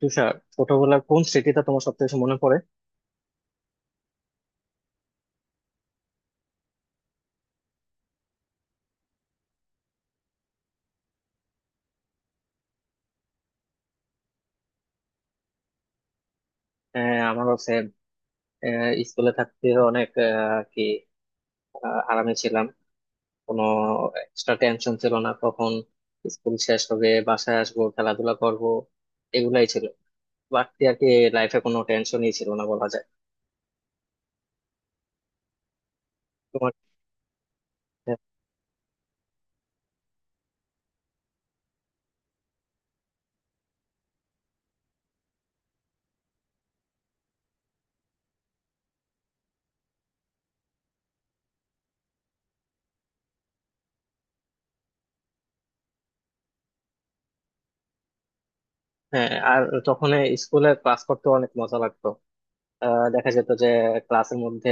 তুষার, ছোটবেলার কোন স্মৃতিটা তোমার সব থেকে মনে পড়ে? আমারও সেম। স্কুলে থাকতে অনেক আরামে ছিলাম, কোনো এক্সট্রা টেনশন ছিল না। কখন স্কুল শেষ হবে, বাসায় আসবো, খেলাধুলা করব, এগুলাই ছিল বাড়তি আর কি। লাইফে কোনো টেনশনই ছিল না বলা যায়। তোমার। হ্যাঁ। আর তখন স্কুলে ক্লাস করতে অনেক মজা লাগতো। দেখা যেত যে ক্লাসের মধ্যে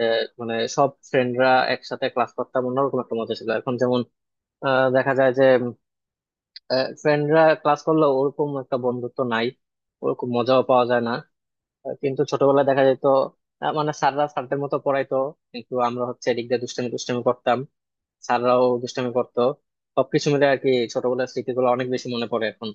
মানে সব ফ্রেন্ডরা একসাথে ক্লাস করতাম, অন্যরকম একটা মজা ছিল। এখন যেমন দেখা যায় যে ফ্রেন্ডরা ক্লাস করলেও ওরকম একটা বন্ধুত্ব নাই, ওরকম মজাও পাওয়া যায় না। কিন্তু ছোটবেলায় দেখা যেত, মানে স্যাররা স্যারদের মতো পড়াইতো, কিন্তু আমরা হচ্ছে এদিক দিয়ে দুষ্টামি দুষ্টামি করতাম, স্যাররাও দুষ্টামি করতো। সবকিছু মিলে আর কি ছোটবেলার স্মৃতিগুলো অনেক বেশি মনে পড়ে এখন।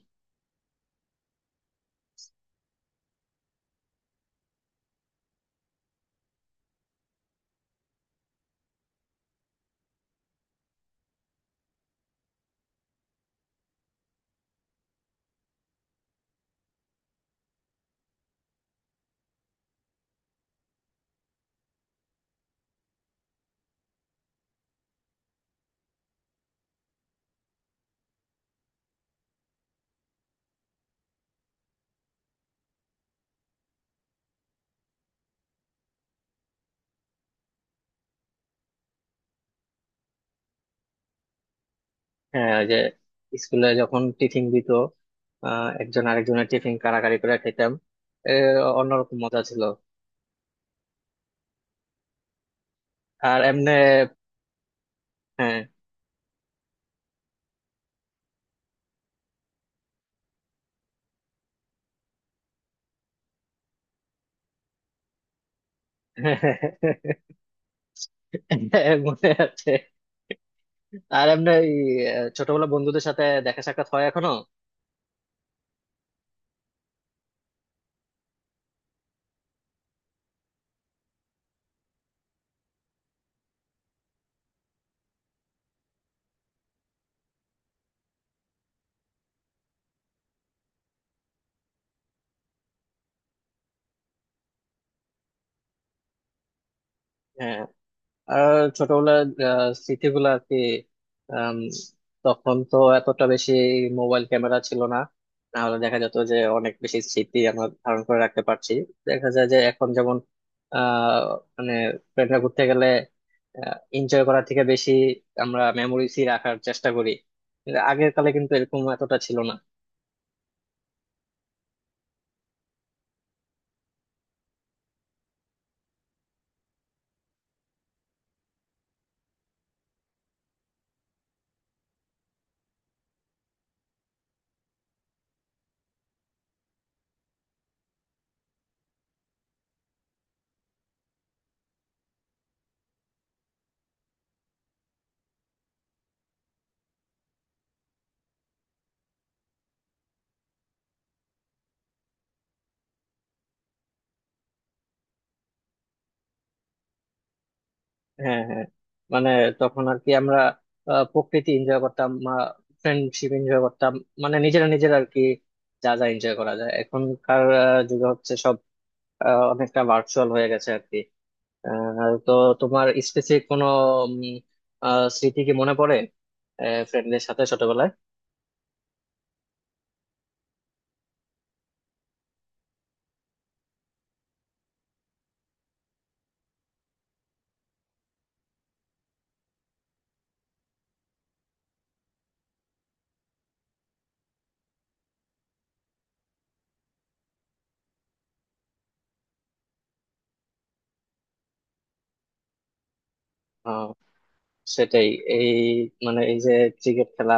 হ্যাঁ, ওই যে স্কুলে যখন টিফিন দিত, একজন আরেকজনের টিফিন কাড়াকাড়ি করে খেতাম, এ, অন্যরকম মজা ছিল। আর এমনি। হ্যাঁ। মনে আছে। আর এমনি এই, আহ, ছোটবেলা বন্ধুদের সাথে দেখা সাক্ষাৎ হয় এখনো। হ্যাঁ, আর ছোটবেলার স্মৃতিগুলো আর কি। আম, তখন তো এতটা বেশি মোবাইল ক্যামেরা ছিল না, তাহলে দেখা যেত যে অনেক বেশি স্মৃতি আমরা ধারণ করে রাখতে পারছি। দেখা যায় যে এখন যেমন আহ মানে ফ্রেন্ডরা ঘুরতে গেলে এনজয় করার থেকে বেশি আমরা মেমোরিজই রাখার চেষ্টা করি, কিন্তু আগের কালে কিন্তু এরকম এতটা ছিল না। হ্যাঁ, হ্যাঁ, মানে তখন আর কি আমরা প্রকৃতি এনজয় করতাম, ফ্রেন্ডশিপ এনজয় করতাম, মানে নিজেরা নিজেরা আর কি যা যা এনজয় করা যায়। এখনকার যুগে হচ্ছে সব অনেকটা ভার্চুয়াল হয়ে গেছে আর কি। তো তোমার স্পেসিফিক কোনো উম, স্মৃতি কি মনে পড়ে ফ্রেন্ডদের সাথে ছোটবেলায়? আহ, সেটাই। এই মানে এই যে ক্রিকেট খেলা,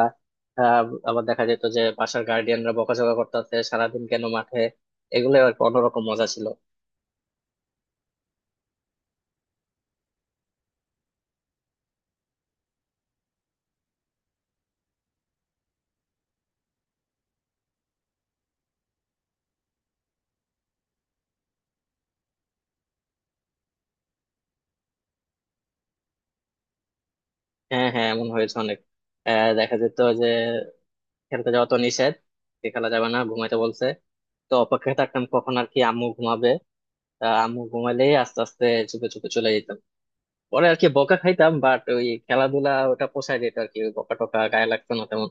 আবার দেখা যেত যে বাসার গার্ডিয়ানরা বকাঝকা করতেছে সারাদিন কেন মাঠে। এগুলো আর কি অন্যরকম মজা ছিল। হ্যাঁ, হ্যাঁ, এমন হয়েছে অনেক। দেখা যেত যে খেলতে যাওয়া তো নিষেধ, যে খেলা যাবে না, ঘুমাইতে বলছে। তো অপেক্ষায় থাকতাম কখন আর কি আম্মু ঘুমাবে। আম্মু ঘুমাইলেই আস্তে আস্তে চুপে চুপে চলে যেতাম। পরে আর কি বকা খাইতাম, বাট ওই খেলাধুলা ওটা পোষায় যেত আর কি, ওই বকা টকা গায়ে লাগতো না তেমন।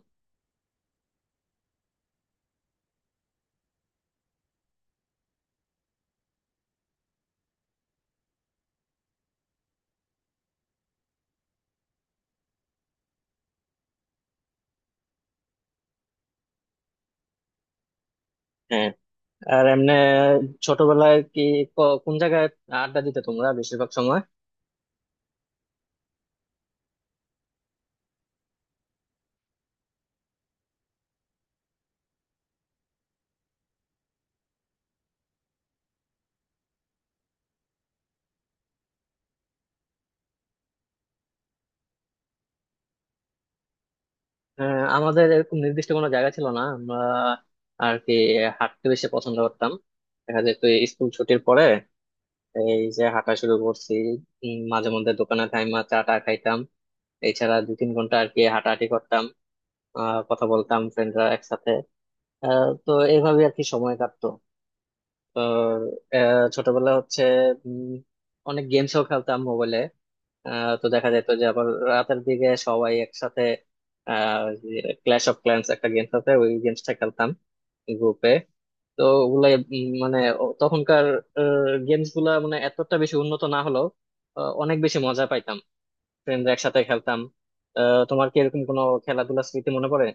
হ্যাঁ। আর এমনি ছোটবেলায় কি কোন জায়গায় আড্ডা দিতে তোমরা বেশিরভাগ সময়? আমাদের এরকম নির্দিষ্ট কোনো জায়গা ছিল না, আমরা আর কি হাঁটতে বেশি পছন্দ করতাম। দেখা যেত স্কুল ছুটির পরে এই যে হাঁটা শুরু করছি, মাঝে মধ্যে দোকানে টাইমা চা টা খাইতাম, এছাড়া দু তিন ঘন্টা আর কি হাঁটাহাঁটি করতাম, কথা বলতাম ফ্রেন্ডরা একসাথে। তো এইভাবে আর কি সময় কাটতো। তো ছোটবেলা হচ্ছে, উম, অনেক গেমসও খেলতাম মোবাইলে। তো দেখা যেত যে আবার রাতের দিকে সবাই একসাথে ক্ল্যাশ অফ ক্ল্যান্স একটা গেমস আছে, ওই গেমসটা খেলতাম গ্রুপে। তো ওগুলাই তখনকার গেমস গুলা মানে এতটা বেশি উন্নত না হলেও অনেক বেশি মজা পাইতাম, ফ্রেন্ডরা একসাথে খেলতাম। তোমার কি এরকম কোনো খেলাধুলার স্মৃতি মনে পড়ে?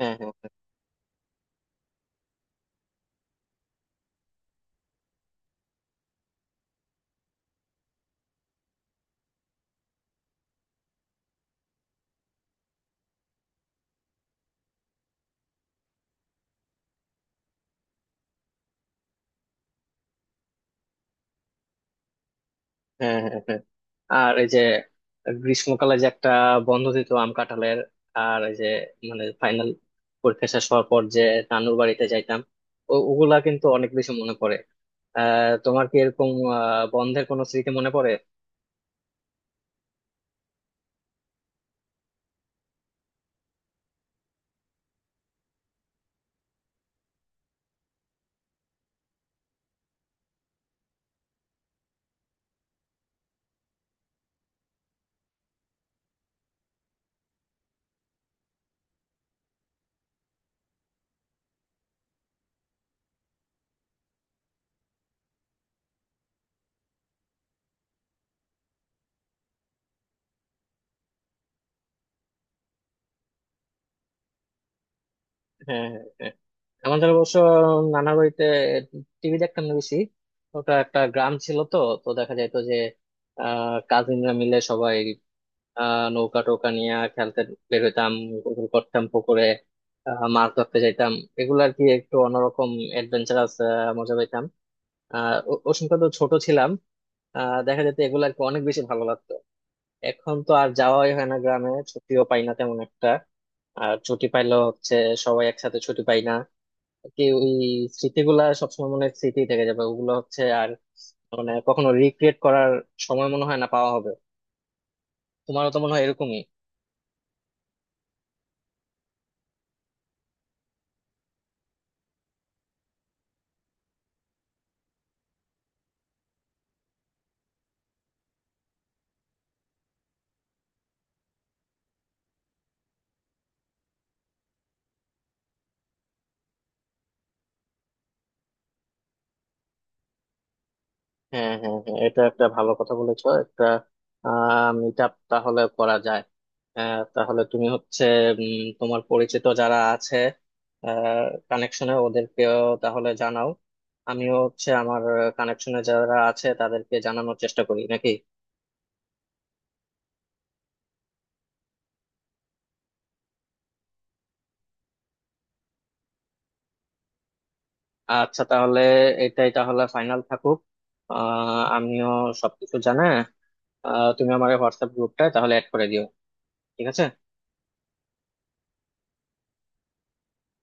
হ্যাঁ, হ্যাঁ, হ্যাঁ, হ্যাঁ, হ্যাঁ, হ্যাঁ। আর এই যে গ্রীষ্মকালে যে একটা বন্ধ দিত আম কাঁঠালের, আর এই যে মানে ফাইনাল পরীক্ষা শেষ হওয়ার পর যে নানুর বাড়িতে যাইতাম, ওগুলা কিন্তু অনেক বেশি মনে পড়ে। তোমার কি এরকম বন্ধের কোনো স্মৃতি মনে পড়ে? হ্যাঁ, হ্যাঁ, আমাদের অবশ্য নানা বাড়িতে টিভি দেখতাম না বেশি, ওটা একটা গ্রাম ছিল তো। তো দেখা যাইতো যে কাজিনরা মিলে সবাই নৌকা টোকা নিয়ে খেলতে বের হইতাম, গোসল করতাম পুকুরে, মাছ ধরতে যাইতাম। এগুলো আর কি একটু অন্যরকম অ্যাডভেঞ্চারাস মজা পাইতাম। ওই সময় তো ছোট ছিলাম, দেখা যেত এগুলো আর কি অনেক বেশি ভালো লাগতো। এখন তো আর যাওয়াই হয় না গ্রামে, ছুটিও পাই না তেমন একটা। আর ছুটি পাইলেও হচ্ছে সবাই একসাথে ছুটি পাই না। কি ওই স্মৃতিগুলা সবসময় মনে হয় স্মৃতি থেকে যাবে, ওগুলো হচ্ছে আর মানে কখনো রিক্রিয়েট করার সময় মনে হয় না পাওয়া হবে। তোমারও তো মনে হয় এরকমই। হ্যাঁ, হ্যাঁ, হ্যাঁ, এটা একটা ভালো কথা বলেছো। একটা মিট আপ তাহলে করা যায়। তাহলে তুমি হচ্ছে তোমার পরিচিত যারা আছে কানেকশনে ওদেরকেও তাহলে জানাও, আমিও হচ্ছে আমার কানেকশনে যারা আছে তাদেরকে জানানোর চেষ্টা করি নাকি। আচ্ছা, তাহলে এটাই তাহলে ফাইনাল থাকুক। আমিও সবকিছু জানা। তুমি আমার হোয়াটসঅ্যাপ গ্রুপটায় তাহলে অ্যাড করে দিও। ঠিক আছে।